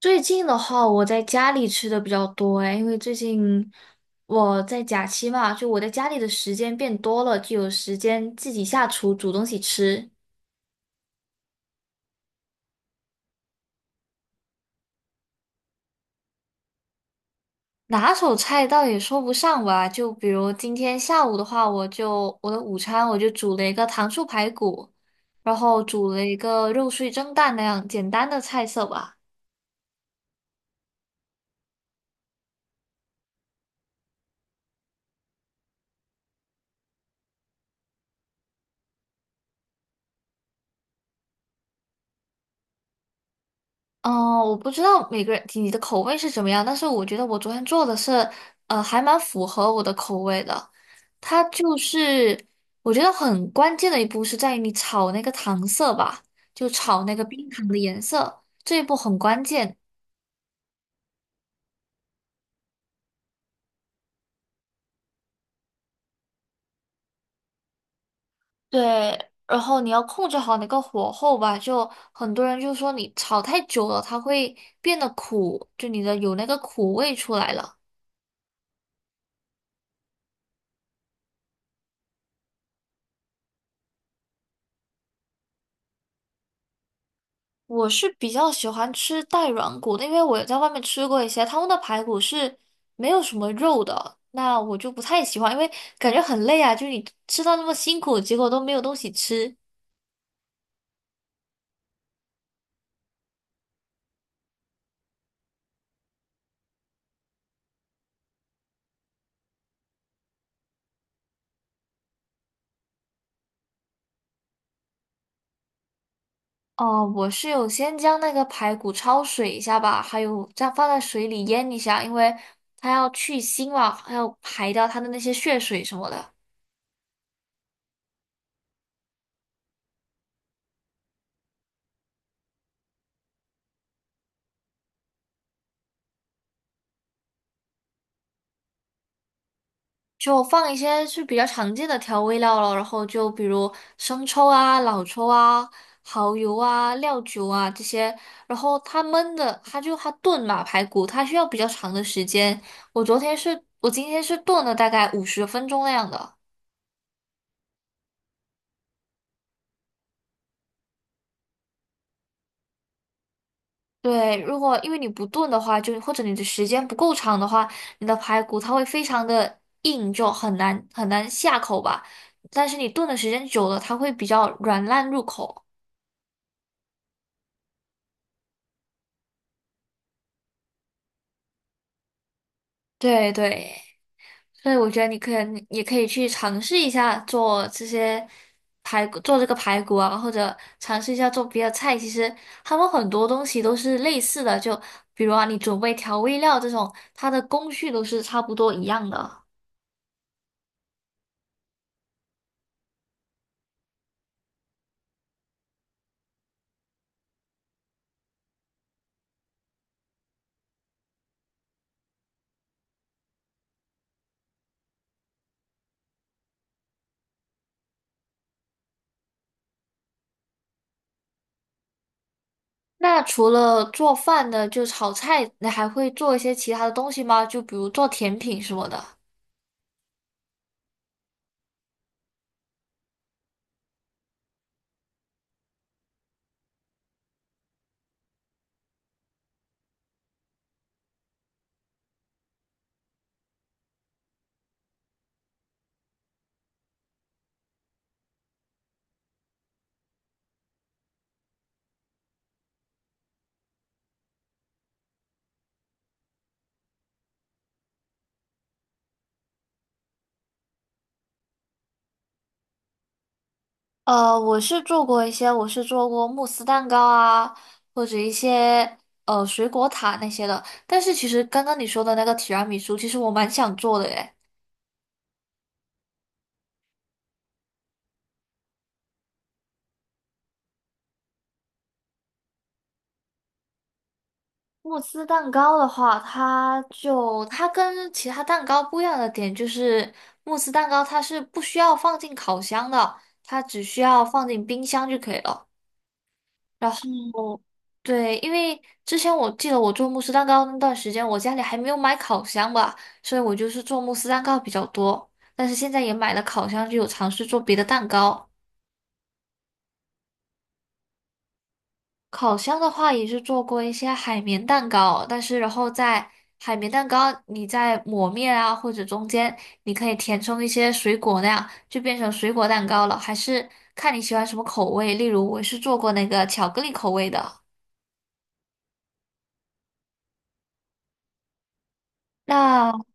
最近的话，我在家里吃的比较多哎，因为最近我在假期嘛，就我在家里的时间变多了，就有时间自己下厨煮东西吃。拿手菜倒也说不上吧，就比如今天下午的话，我的午餐我就煮了一个糖醋排骨，然后煮了一个肉碎蒸蛋那样简单的菜色吧。哦，我不知道每个人你的口味是怎么样，但是我觉得我昨天做的是，还蛮符合我的口味的。它就是我觉得很关键的一步是在于你炒那个糖色吧，就炒那个冰糖的颜色，这一步很关键。对，然后你要控制好那个火候吧，就很多人就说你炒太久了，它会变得苦，就你的有那个苦味出来了。我是比较喜欢吃带软骨的，因为我在外面吃过一些，他们的排骨是没有什么肉的，那我就不太喜欢，因为感觉很累啊，就是你吃到那么辛苦，结果都没有东西吃。哦，我是有先将那个排骨焯水一下吧，还有再放在水里腌一下，因为它要去腥嘛，还要排掉它的那些血水什么的。就放一些是比较常见的调味料了，然后就比如生抽啊、老抽啊、蚝油啊、料酒啊这些，然后它焖的，它炖嘛排骨，它需要比较长的时间。我今天是炖了大概50分钟那样的。对，如果因为你不炖的话，就或者你的时间不够长的话，你的排骨它会非常的硬，就很难很难下口吧。但是你炖的时间久了，它会比较软烂入口。对对。所以我觉得你可以，也可以去尝试一下做这个排骨啊，或者尝试一下做别的菜。其实他们很多东西都是类似的，就比如啊，你准备调味料这种，它的工序都是差不多一样的。那除了做饭的，就炒菜，你还会做一些其他的东西吗？就比如做甜品什么的。我是做过慕斯蛋糕啊，或者一些水果塔那些的。但是其实刚刚你说的那个提拉米苏，其实我蛮想做的耶。慕斯蛋糕的话，它跟其他蛋糕不一样的点就是，慕斯蛋糕它是不需要放进烤箱的，它只需要放进冰箱就可以了。然后，对，因为之前我记得我做慕斯蛋糕那段时间，我家里还没有买烤箱吧，所以我就是做慕斯蛋糕比较多。但是现在也买了烤箱，就有尝试做别的蛋糕。烤箱的话，也是做过一些海绵蛋糕，但是然后在海绵蛋糕你在抹面啊，或者中间你可以填充一些水果那样，就变成水果蛋糕了。还是看你喜欢什么口味，例如我是做过那个巧克力口味的。那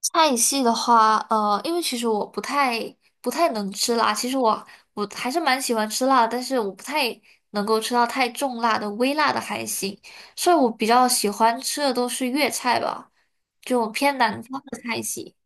菜系的话，因为其实我不太能吃辣，其实我还是蛮喜欢吃辣的，但是我不太能够吃到太重辣的，微辣的还行，所以我比较喜欢吃的都是粤菜吧，就偏南方的菜系。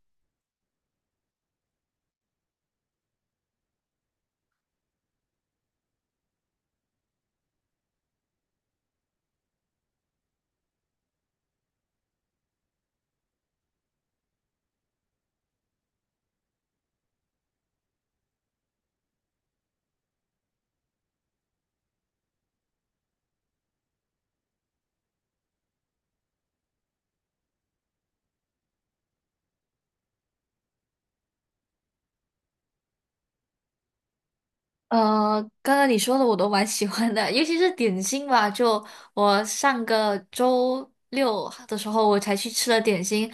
刚刚你说的我都蛮喜欢的，尤其是点心吧，就我上个周六的时候我才去吃了点心，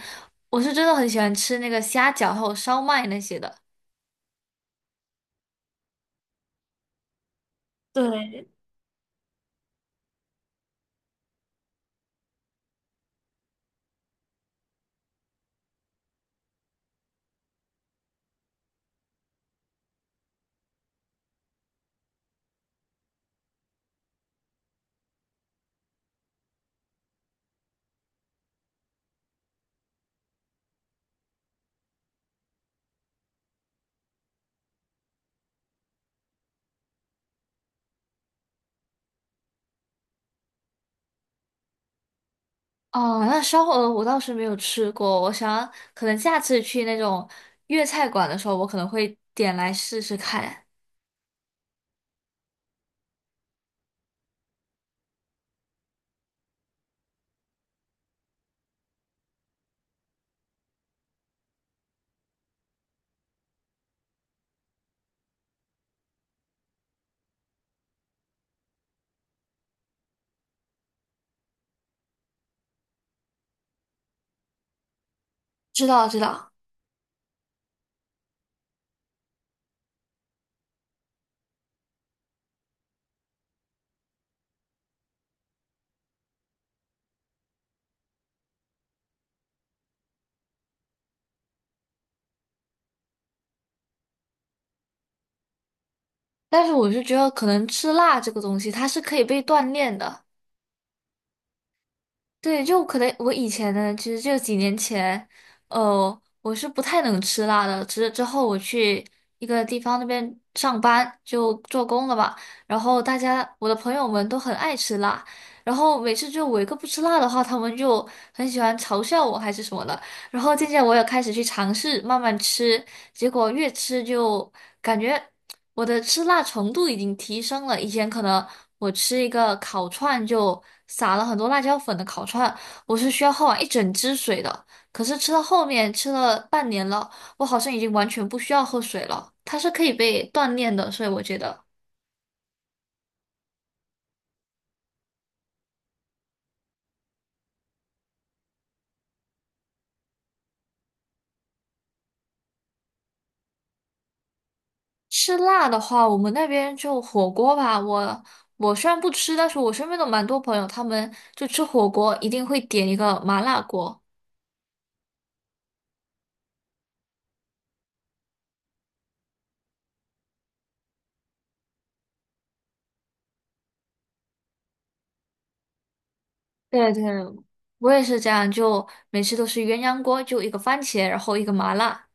我是真的很喜欢吃那个虾饺还有烧麦那些的。对，哦，那烧火鹅我倒是没有吃过，我想可能下次去那种粤菜馆的时候，我可能会点来试试看。知道知道，但是我是觉得可能吃辣这个东西，它是可以被锻炼的。对，就可能我以前呢，其实就几年前，我是不太能吃辣的。之后我去一个地方那边上班，就做工了吧。然后我的朋友们都很爱吃辣，然后每次就我一个不吃辣的话，他们就很喜欢嘲笑我还是什么的。然后渐渐我也开始去尝试慢慢吃，结果越吃就感觉我的吃辣程度已经提升了。以前可能我吃一个烤串就撒了很多辣椒粉的烤串，我是需要喝完一整支水的。可是吃到后面吃了半年了，我好像已经完全不需要喝水了。它是可以被锻炼的，所以我觉得。吃辣的话，我们那边就火锅吧。我虽然不吃，但是我身边的蛮多朋友，他们就吃火锅一定会点一个麻辣锅。对对，我也是这样，就每次都是鸳鸯锅，就一个番茄，然后一个麻辣。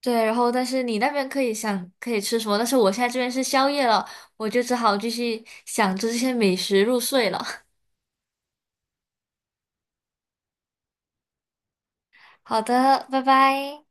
对，然后但是你那边可以想可以吃什么，但是我现在这边是宵夜了，我就只好继续想着这些美食入睡了。好的，拜拜。